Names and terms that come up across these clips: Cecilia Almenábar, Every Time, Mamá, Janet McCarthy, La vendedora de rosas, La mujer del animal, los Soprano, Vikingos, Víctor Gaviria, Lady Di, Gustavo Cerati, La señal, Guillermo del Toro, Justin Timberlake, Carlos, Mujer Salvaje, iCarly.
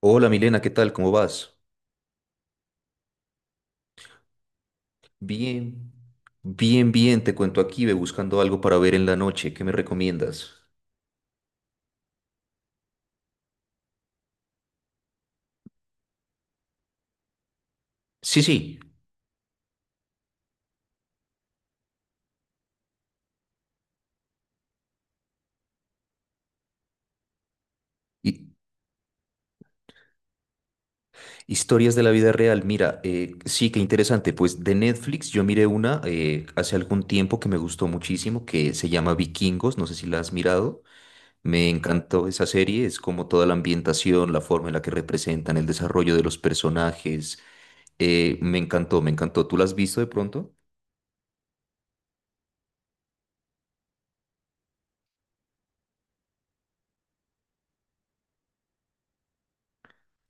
Hola Milena, ¿qué tal? ¿Cómo vas? Bien, bien, te cuento aquí, ve buscando algo para ver en la noche, ¿qué me recomiendas? Sí, sí, hi- historias de la vida real. Mira, sí, qué interesante. Pues de Netflix yo miré una hace algún tiempo que me gustó muchísimo, que se llama Vikingos, no sé si la has mirado. Me encantó esa serie, es como toda la ambientación, la forma en la que representan el desarrollo de los personajes. Me encantó, me encantó. ¿Tú la has visto de pronto?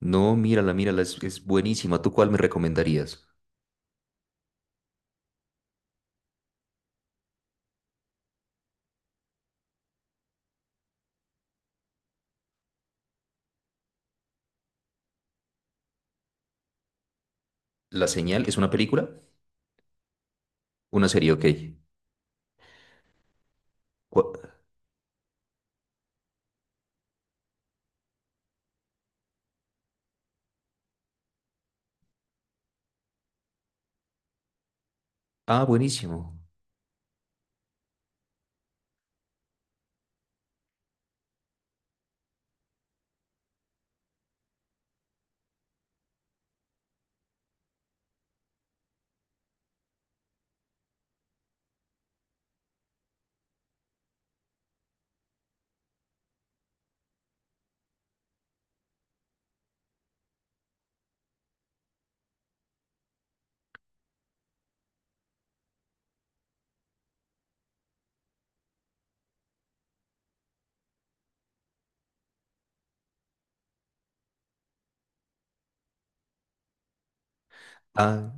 No, mírala, mírala, es buenísima. ¿Tú cuál me recomendarías? ¿La señal es una película? Una serie, ok. Cu- Ah, buenísimo. Ah,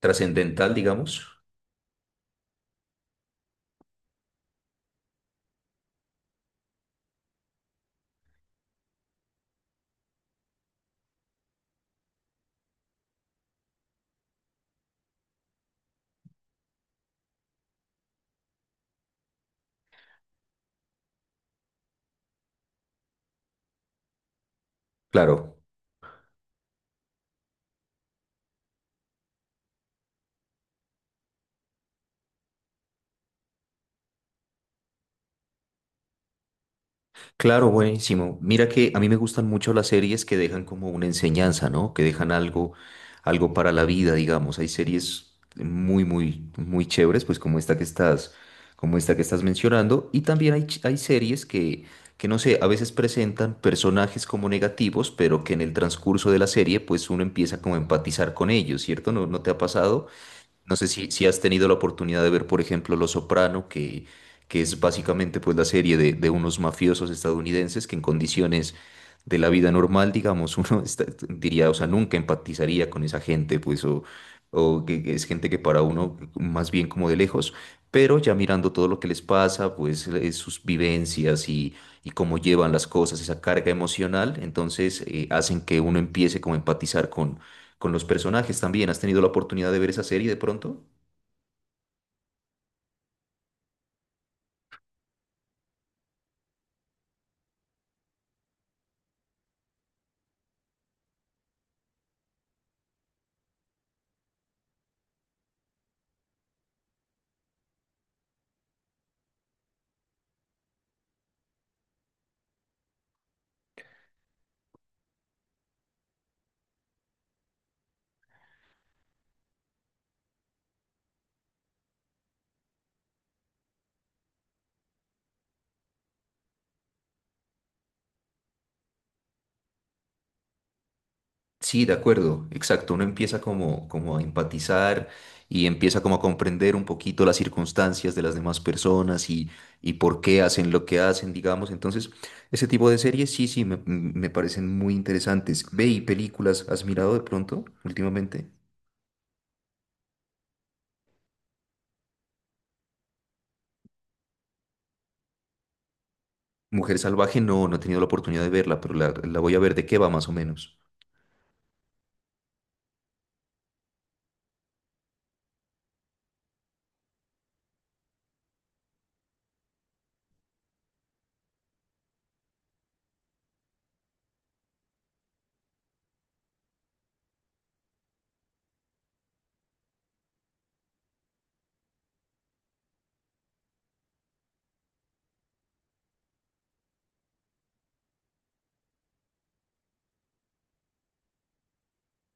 trascendental, digamos. Claro. Claro, buenísimo. Mira que a mí me gustan mucho las series que dejan como una enseñanza, ¿no? Que dejan algo, algo para la vida, digamos. Hay series muy, muy, muy chéveres, pues como esta que estás mencionando. Y también hay, hay series que, no sé, a veces presentan personajes como negativos, pero que en el transcurso de la serie, pues uno empieza como a empatizar con ellos, ¿cierto? ¿No, no te ha pasado? No sé si, si has tenido la oportunidad de ver, por ejemplo, los Soprano, que es básicamente pues la serie de unos mafiosos estadounidenses que en condiciones de la vida normal, digamos, diría, o sea, nunca empatizaría con esa gente, pues, o que es gente que para uno más bien como de lejos, pero ya mirando todo lo que les pasa, pues, sus vivencias y cómo llevan las cosas, esa carga emocional. Entonces hacen que uno empiece como a empatizar con los personajes también. ¿Has tenido la oportunidad de ver esa serie de pronto? Sí, de acuerdo, exacto. Uno empieza como, como a empatizar y empieza como a comprender un poquito las circunstancias de las demás personas y por qué hacen lo que hacen, digamos. Entonces, ese tipo de series sí, sí, me parecen muy interesantes. Ve y películas, ¿has mirado de pronto últimamente? Mujer Salvaje, no, no he tenido la oportunidad de verla, pero la voy a ver. ¿De qué va más o menos?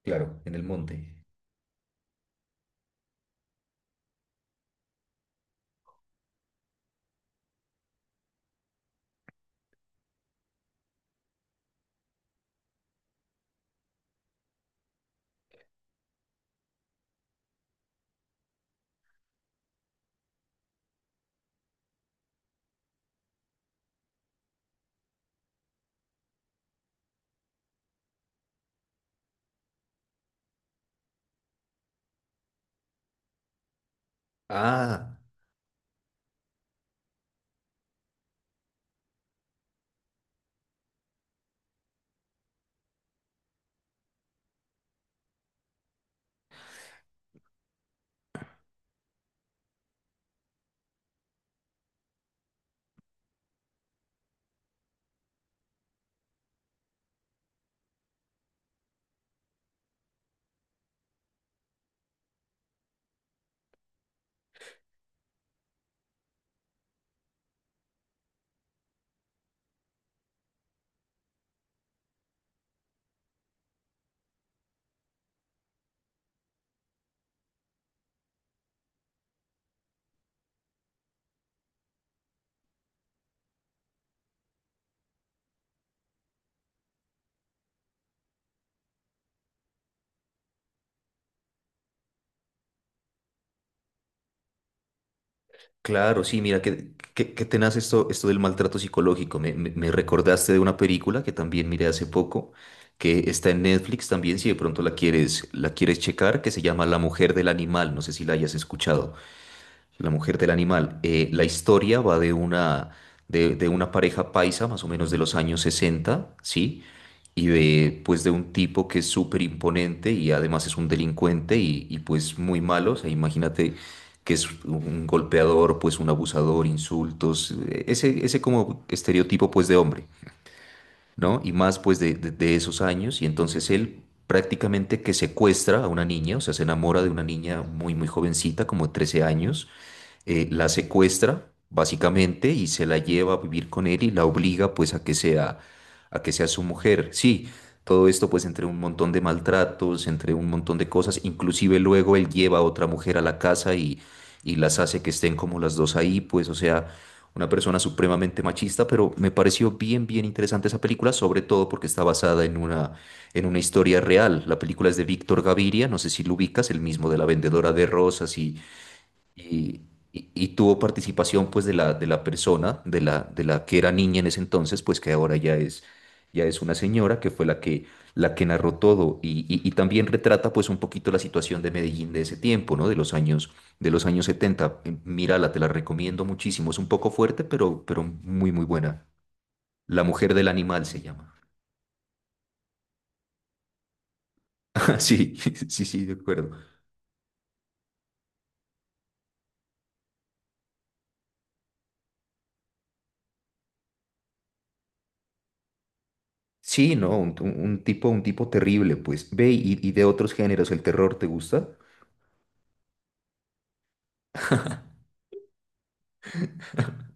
Claro, en el monte. Ah, claro, sí. Mira, qué tenaz esto, esto del maltrato psicológico. Me recordaste de una película que también miré hace poco, que está en Netflix también, si de pronto la quieres checar, que se llama La mujer del animal. No sé si la hayas escuchado. La mujer del animal. La historia va de una, de una pareja paisa, más o menos de los años 60, ¿sí? Y de, pues, de un tipo que es súper imponente y además es un delincuente pues muy malo. O sea, imagínate que es un golpeador, pues un abusador, insultos, ese como estereotipo pues de hombre, ¿no? Y más pues de, de esos años. Y entonces él prácticamente que secuestra a una niña, o sea, se enamora de una niña muy, muy jovencita, como de 13 años. La secuestra básicamente y se la lleva a vivir con él y la obliga pues a que sea su mujer. Sí, todo esto pues entre un montón de maltratos, entre un montón de cosas. Inclusive luego él lleva a otra mujer a la casa y las hace que estén como las dos ahí, pues o sea, una persona supremamente machista. Pero me pareció bien bien interesante esa película, sobre todo porque está basada en una, en una historia real. La película es de Víctor Gaviria, no sé si lo ubicas, el mismo de La vendedora de rosas y, y tuvo participación pues de la persona, de la que era niña en ese entonces, pues que ahora ya es una señora, que fue la que narró todo y también retrata pues un poquito la situación de Medellín de ese tiempo, ¿no? De los años setenta. Mírala, te la recomiendo muchísimo, es un poco fuerte, pero muy, muy buena. La mujer del animal se llama. Sí, sí, sí, de acuerdo. Sí, no, un tipo terrible, pues. Ve y de otros géneros, ¿el terror te gusta?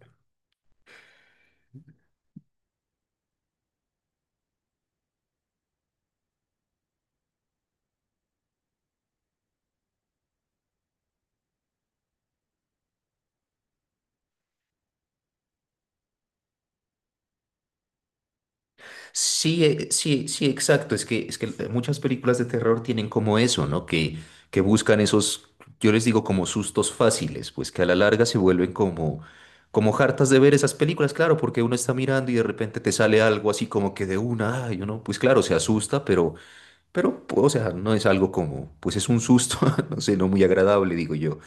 Sí, sí, sí, exacto. Es que muchas películas de terror tienen como eso, ¿no? Que buscan esos, yo les digo como sustos fáciles, pues que a la larga se vuelven como, como hartas de ver esas películas, claro, porque uno está mirando y de repente te sale algo así como que de una, ay, uno, pues claro, se asusta, pero, o sea, no es algo como, pues es un susto, no sé, no muy agradable, digo yo.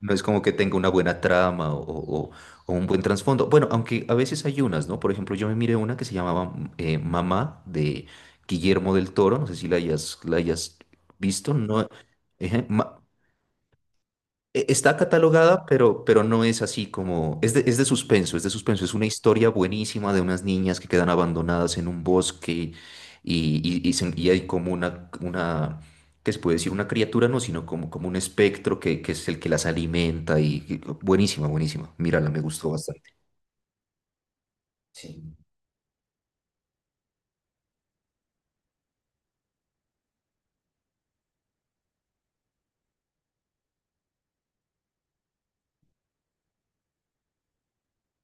No es como que tenga una buena trama o un buen trasfondo. Bueno, aunque a veces hay unas, ¿no? Por ejemplo, yo me miré una que se llamaba Mamá de Guillermo del Toro. No sé si la hayas, la hayas visto. No, ejé, Está catalogada, pero no es así como... es de suspenso, es de suspenso. Es una historia buenísima de unas niñas que quedan abandonadas en un bosque y hay como una... ¿Qué se puede decir? Una criatura, no, sino como, como un espectro que es el que las alimenta y... Buenísima, buenísima. Mírala, me gustó bastante. Sí.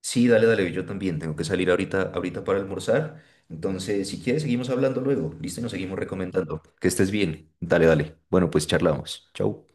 Sí, dale, dale, yo también tengo que salir ahorita, ahorita para almorzar. Entonces, si quieres, seguimos hablando luego. Listo, y nos seguimos recomendando. Que estés bien. Dale, dale. Bueno, pues charlamos. Chau.